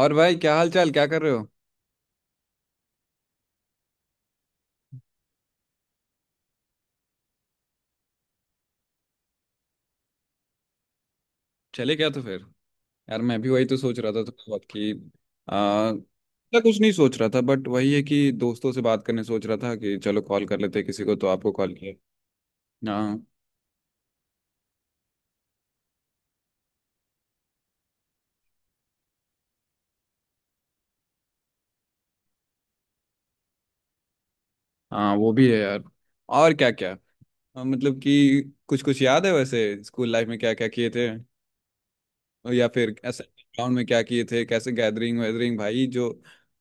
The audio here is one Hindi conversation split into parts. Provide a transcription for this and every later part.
और भाई क्या हाल चाल क्या कर रहे हो। चले क्या तो फिर। यार मैं भी वही तो सोच रहा था तो बहुत कि मैं कुछ नहीं सोच रहा था बट वही है कि दोस्तों से बात करने सोच रहा था कि चलो कॉल कर लेते हैं किसी को तो आपको कॉल किया। हाँ। हाँ वो भी है यार। और क्या क्या। मतलब कि कुछ कुछ याद है वैसे स्कूल लाइफ में क्या क्या किए थे। या फिर ऐसे ग्राउंड में क्या किए थे कैसे गैदरिंग वैदरिंग भाई जो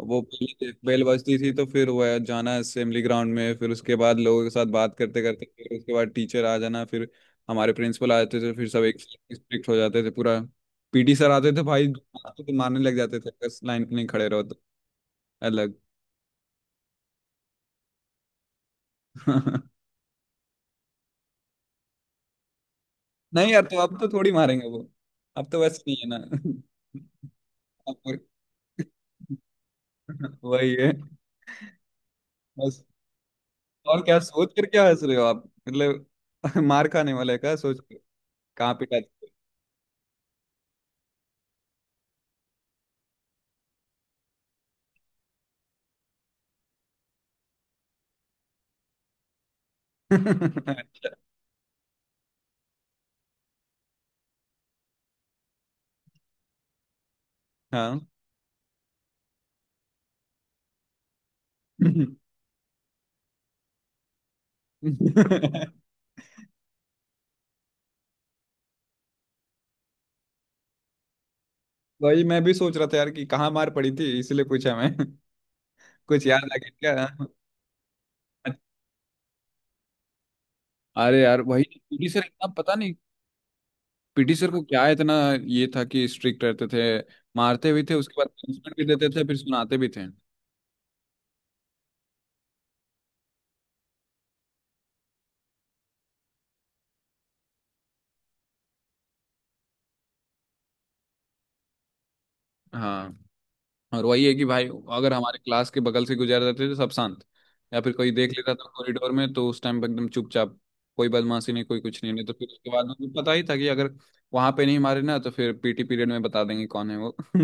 वो पहले बेल बजती थी तो फिर वह जाना असेंबली ग्राउंड में फिर उसके बाद लोगों के साथ बात करते करते फिर उसके बाद टीचर आ जाना फिर हमारे प्रिंसिपल आ जाते थे फिर सब एक स्ट्रिक्ट हो जाते थे पूरा। पीटी सर आते थे भाई। आते तो मारने लग जाते थे अगर लाइन पे नहीं खड़े रहो तो अलग। नहीं यार तो अब तो थोड़ी मारेंगे वो। अब तो वैसे नहीं है ना। अब तो- वही है बस। और क्या सोच कर क्या हंस रहे हो आप मतलब। मार खाने वाले का सोच कर। कहाँ पिटा दिया? अच्छा। हाँ। वही मैं भी सोच रहा था यार कि कहाँ मार पड़ी थी इसलिए पूछा मैं। कुछ याद आ गया क्या। अरे यार वही पीटी सर इतना पता नहीं। पीटी सर को क्या इतना ये था कि स्ट्रिक्ट रहते थे मारते भी थे उसके बाद पनिशमेंट भी देते थे फिर सुनाते भी थे। हाँ। और वही है कि भाई अगर हमारे क्लास के बगल से गुजर जाते थे सब शांत। या फिर कोई देख लेता था कॉरिडोर में तो उस टाइम पे एकदम चुपचाप कोई बदमाशी नहीं कोई कुछ नहीं नहीं तो फिर उसके बाद उनको पता ही था कि अगर वहां पे नहीं मारे ना तो फिर पीटी पीरियड में बता देंगे कौन है वो।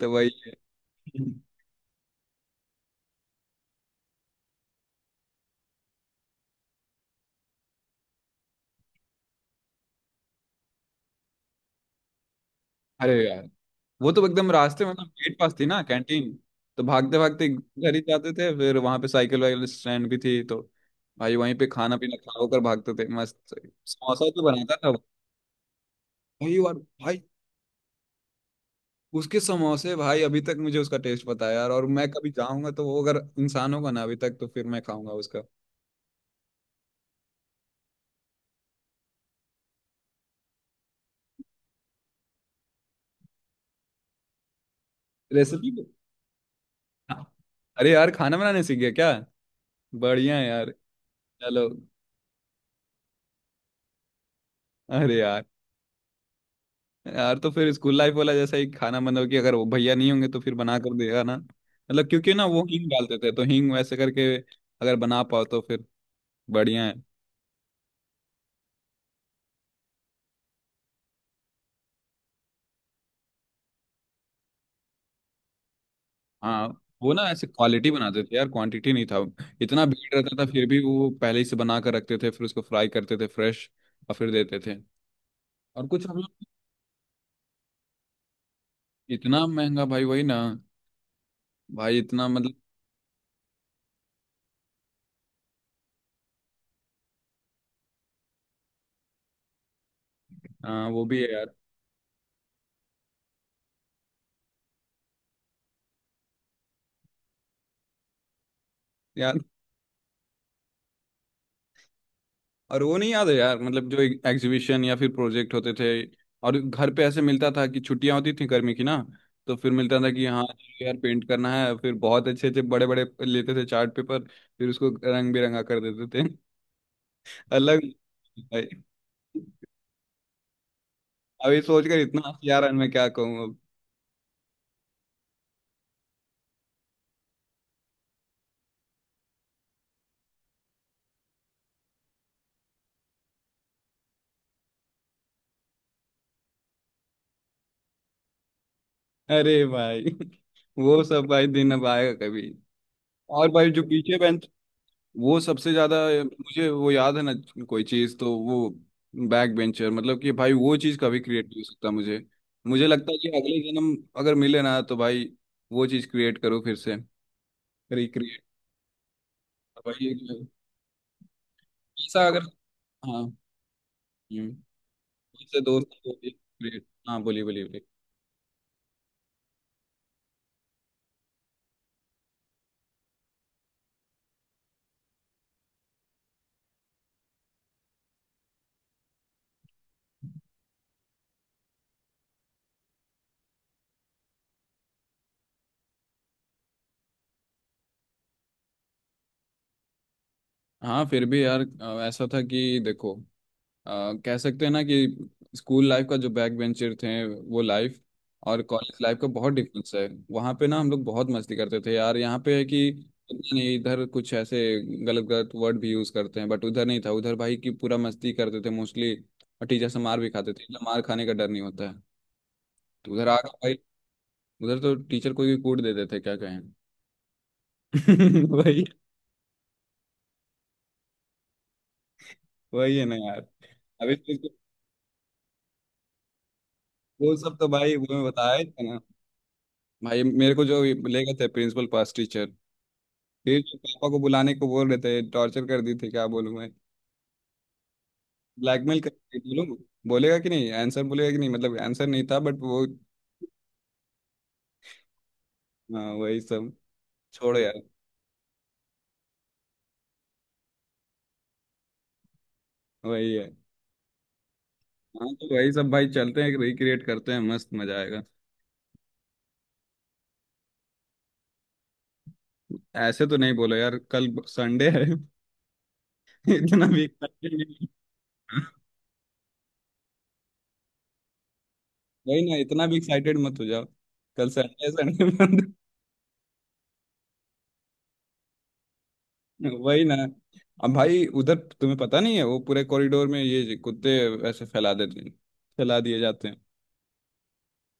तो वही है। अरे यार वो तो एकदम रास्ते में मतलब गेट पास थी ना कैंटीन। तो भागते भागते घर ही जाते थे फिर वहां पे साइकिल वाइकिल स्टैंड भी थी तो भाई वहीं पे खाना पीना खा होकर भागते थे मस्त। समोसा तो बनाता था वो। वही और भाई उसके समोसे भाई अभी तक मुझे उसका टेस्ट पता है यार और मैं कभी जाऊंगा तो वो अगर इंसान होगा ना अभी तक तो फिर मैं खाऊंगा उसका। रेसिपी अरे यार खाना बनाने सीख गया क्या। बढ़िया है यार। चलो। अरे यार। यार तो फिर स्कूल लाइफ वाला जैसा ही खाना मतलब कि अगर वो भैया नहीं होंगे तो फिर बना कर देगा ना मतलब क्योंकि ना वो हींग डालते थे तो हींग वैसे करके अगर बना पाओ तो फिर बढ़िया है। हाँ वो ना ऐसे क्वालिटी बनाते थे यार क्वांटिटी नहीं था। इतना भीड़ रहता था फिर भी वो पहले ही से बना कर रखते थे फिर उसको फ्राई करते थे फ्रेश और फिर देते थे। और कुछ हम लोग इतना महंगा भाई वही ना। भाई इतना मतलब। हाँ वो भी है यार। यार और वो नहीं याद है यार मतलब जो एग्जीबिशन या फिर प्रोजेक्ट होते थे और घर पे ऐसे मिलता था कि छुट्टियां होती थी गर्मी की ना तो फिर मिलता था कि हाँ चलो यार पेंट करना है फिर बहुत अच्छे अच्छे बड़े बड़े लेते थे चार्ट पेपर फिर उसको रंग बिरंगा कर देते थे। अलग भाई। अभी सोचकर इतना हंसी आ रहा है मैं क्या कहूँ अब। अरे भाई। वो सब भाई दिन अब आएगा कभी। और भाई जो पीछे बेंच वो सबसे ज्यादा मुझे वो याद है ना। कोई चीज तो वो बैक बेंचर मतलब कि भाई वो चीज कभी क्रिएट नहीं हो सकता मुझे। मुझे लगता है कि अगले जन्म अगर मिले ना तो भाई वो चीज क्रिएट करो फिर से। रिक्रिएट। भाई ऐसा अगर। हाँ हम्म, ऐसे दोस्त क्रिएट हाँ बोलिए बोलिए बोलिए। हाँ फिर भी यार ऐसा था कि देखो अ, कह सकते हैं ना कि स्कूल लाइफ का जो बैक बेंचर थे वो लाइफ और कॉलेज लाइफ का बहुत डिफरेंस है वहाँ पे ना हम लोग बहुत मस्ती करते थे यार यहाँ पे है कि इतना नहीं इधर कुछ ऐसे गलत गलत वर्ड भी यूज करते हैं बट उधर नहीं था उधर भाई की पूरा मस्ती करते थे मोस्टली। और टीचर से मार भी खाते थे इतना मार खाने का डर नहीं होता है तो उधर आ गए भाई। उधर तो टीचर कोई भी कूट देते थे क्या कहें। वही। वही है ना यार। अभी तो- वो सब तो भाई वो मैं बताया ही था ना। भाई मेरे को जो ले गए थे प्रिंसिपल पास टीचर फिर पापा को बुलाने को बोल रहे थे टॉर्चर कर दी थी क्या बोलूं मैं ब्लैकमेल कर दी बोलूं। बोलेगा कि नहीं आंसर बोलेगा कि नहीं मतलब आंसर नहीं था बट वो। हाँ वही सब छोड़ो यार। वही है। हाँ तो वही सब भाई चलते हैं रिक्रिएट करते हैं मस्त मजा आएगा। ऐसे तो नहीं बोलो यार कल संडे है। इतना भी excited नहीं। वही ना इतना भी एक्साइटेड मत हो जाओ। कल संडे संडे। वही ना। अब भाई उधर तुम्हें पता नहीं है वो पूरे कॉरिडोर में ये कुत्ते ऐसे फैला देते हैं फैला दिए जाते हैं।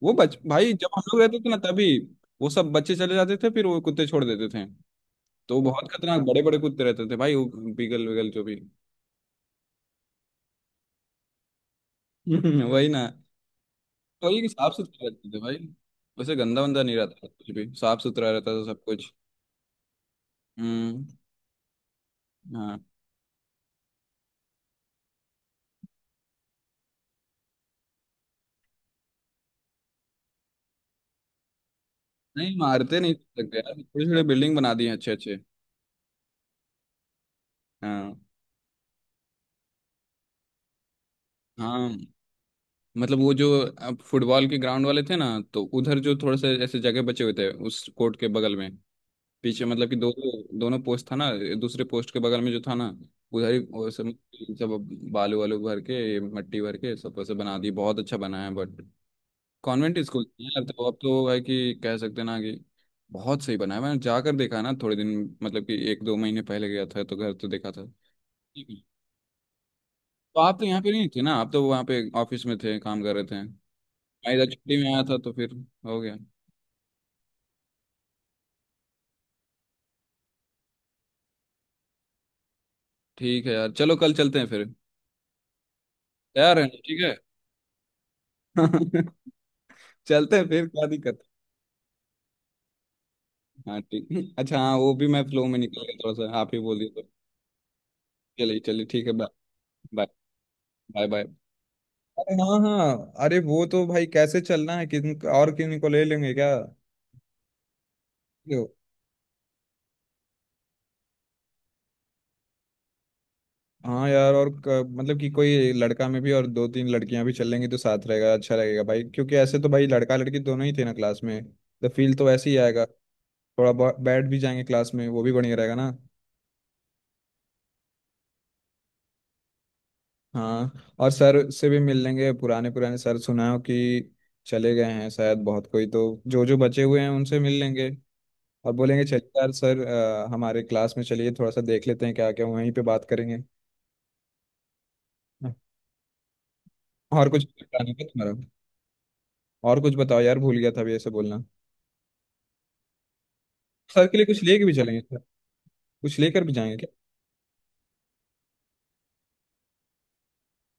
वो बच भाई जब हम लोग रहते थे ना तभी वो सब बच्चे चले जाते थे फिर वो कुत्ते छोड़ देते थे। तो बहुत खतरनाक बड़े बड़े कुत्ते रहते थे भाई वो बीगल विगल जो भी। वही ना। तो ये साफ सुथरा रहते थे भाई। वैसे गंदा वंदा नहीं रहता था कुछ भी साफ सुथरा रहता था सब कुछ। हम्म। हाँ। नहीं मारते नहीं सकते यार थोड़ी थोड़ी बिल्डिंग बना दी है अच्छे अच्छे। हाँ। हाँ मतलब वो जो अब फुटबॉल के ग्राउंड वाले थे ना तो उधर जो थोड़े से ऐसे जगह बचे हुए थे उस कोर्ट के बगल में पीछे मतलब कि दो दोनों पोस्ट था ना दूसरे पोस्ट के बगल में जो था ना उधर ही वो सब सब बालू वालू भर के मट्टी भर के सब ऐसे बना दी बहुत अच्छा बना है बट कॉन्वेंट स्कूल यार तो अब तो भाई कि कह सकते हैं ना कि बहुत सही बना है मैंने जाकर देखा ना थोड़े दिन मतलब कि एक दो महीने पहले गया था तो घर तो देखा था। ठीक है। तो आप तो यहाँ पे नहीं थे ना आप तो वहाँ पे ऑफिस में थे काम कर रहे थे। मैं इधर छुट्टी में आया था तो फिर हो गया। ठीक है यार चलो कल चलते हैं फिर। तैयार है ना? ठीक है। चलते हैं फिर क्या दिक्कत है? हाँ ठीक अच्छा हाँ वो भी मैं फ्लो में निकल गया थोड़ा सा आप ही बोल दिए तो। चलिए चलिए ठीक है बाय। Bye bye bye. अरे हाँ हाँ अरे वो तो भाई कैसे चलना है किन और किन को ले लेंगे क्या। यो, हाँ यार और मतलब कि कोई लड़का में भी और दो तीन लड़कियां भी चल लेंगी तो साथ रहेगा अच्छा रहेगा भाई क्योंकि ऐसे तो भाई लड़का लड़की दोनों ही थे ना क्लास में तो फील तो ऐसे ही आएगा। थोड़ा बहुत बैठ भी जाएंगे क्लास में वो भी बढ़िया रहेगा ना। हाँ और सर से भी मिल लेंगे पुराने पुराने सर सुना हो कि चले गए हैं शायद बहुत कोई तो जो जो बचे हुए हैं उनसे मिल लेंगे और बोलेंगे चलिए यार सर हमारे क्लास में चलिए थोड़ा सा देख लेते हैं क्या क्या वहीं पे बात करेंगे। और कुछ बताने का तुम्हारा। और कुछ बताओ यार भूल गया था अभी ऐसे बोलना सर के लिए कुछ लेके भी चलेंगे सर कुछ लेकर भी जाएंगे क्या।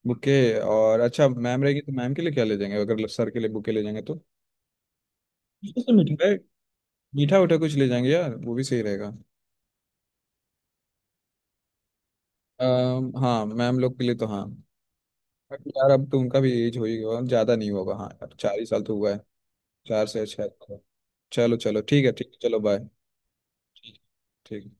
बुके और अच्छा मैम रहेगी तो मैम के लिए क्या ले जाएंगे अगर सर के लिए बुके ले जाएंगे तो मीठा मीठा उठा कुछ ले जाएंगे यार वो भी सही रहेगा। हाँ मैम लोग के लिए तो हाँ बट यार अब तो उनका भी एज हो ही गया ज्यादा नहीं होगा। हाँ यार चार ही साल तो हुआ है चार से छह। चलो चलो ठीक है चलो बाय। ठीक ठीक।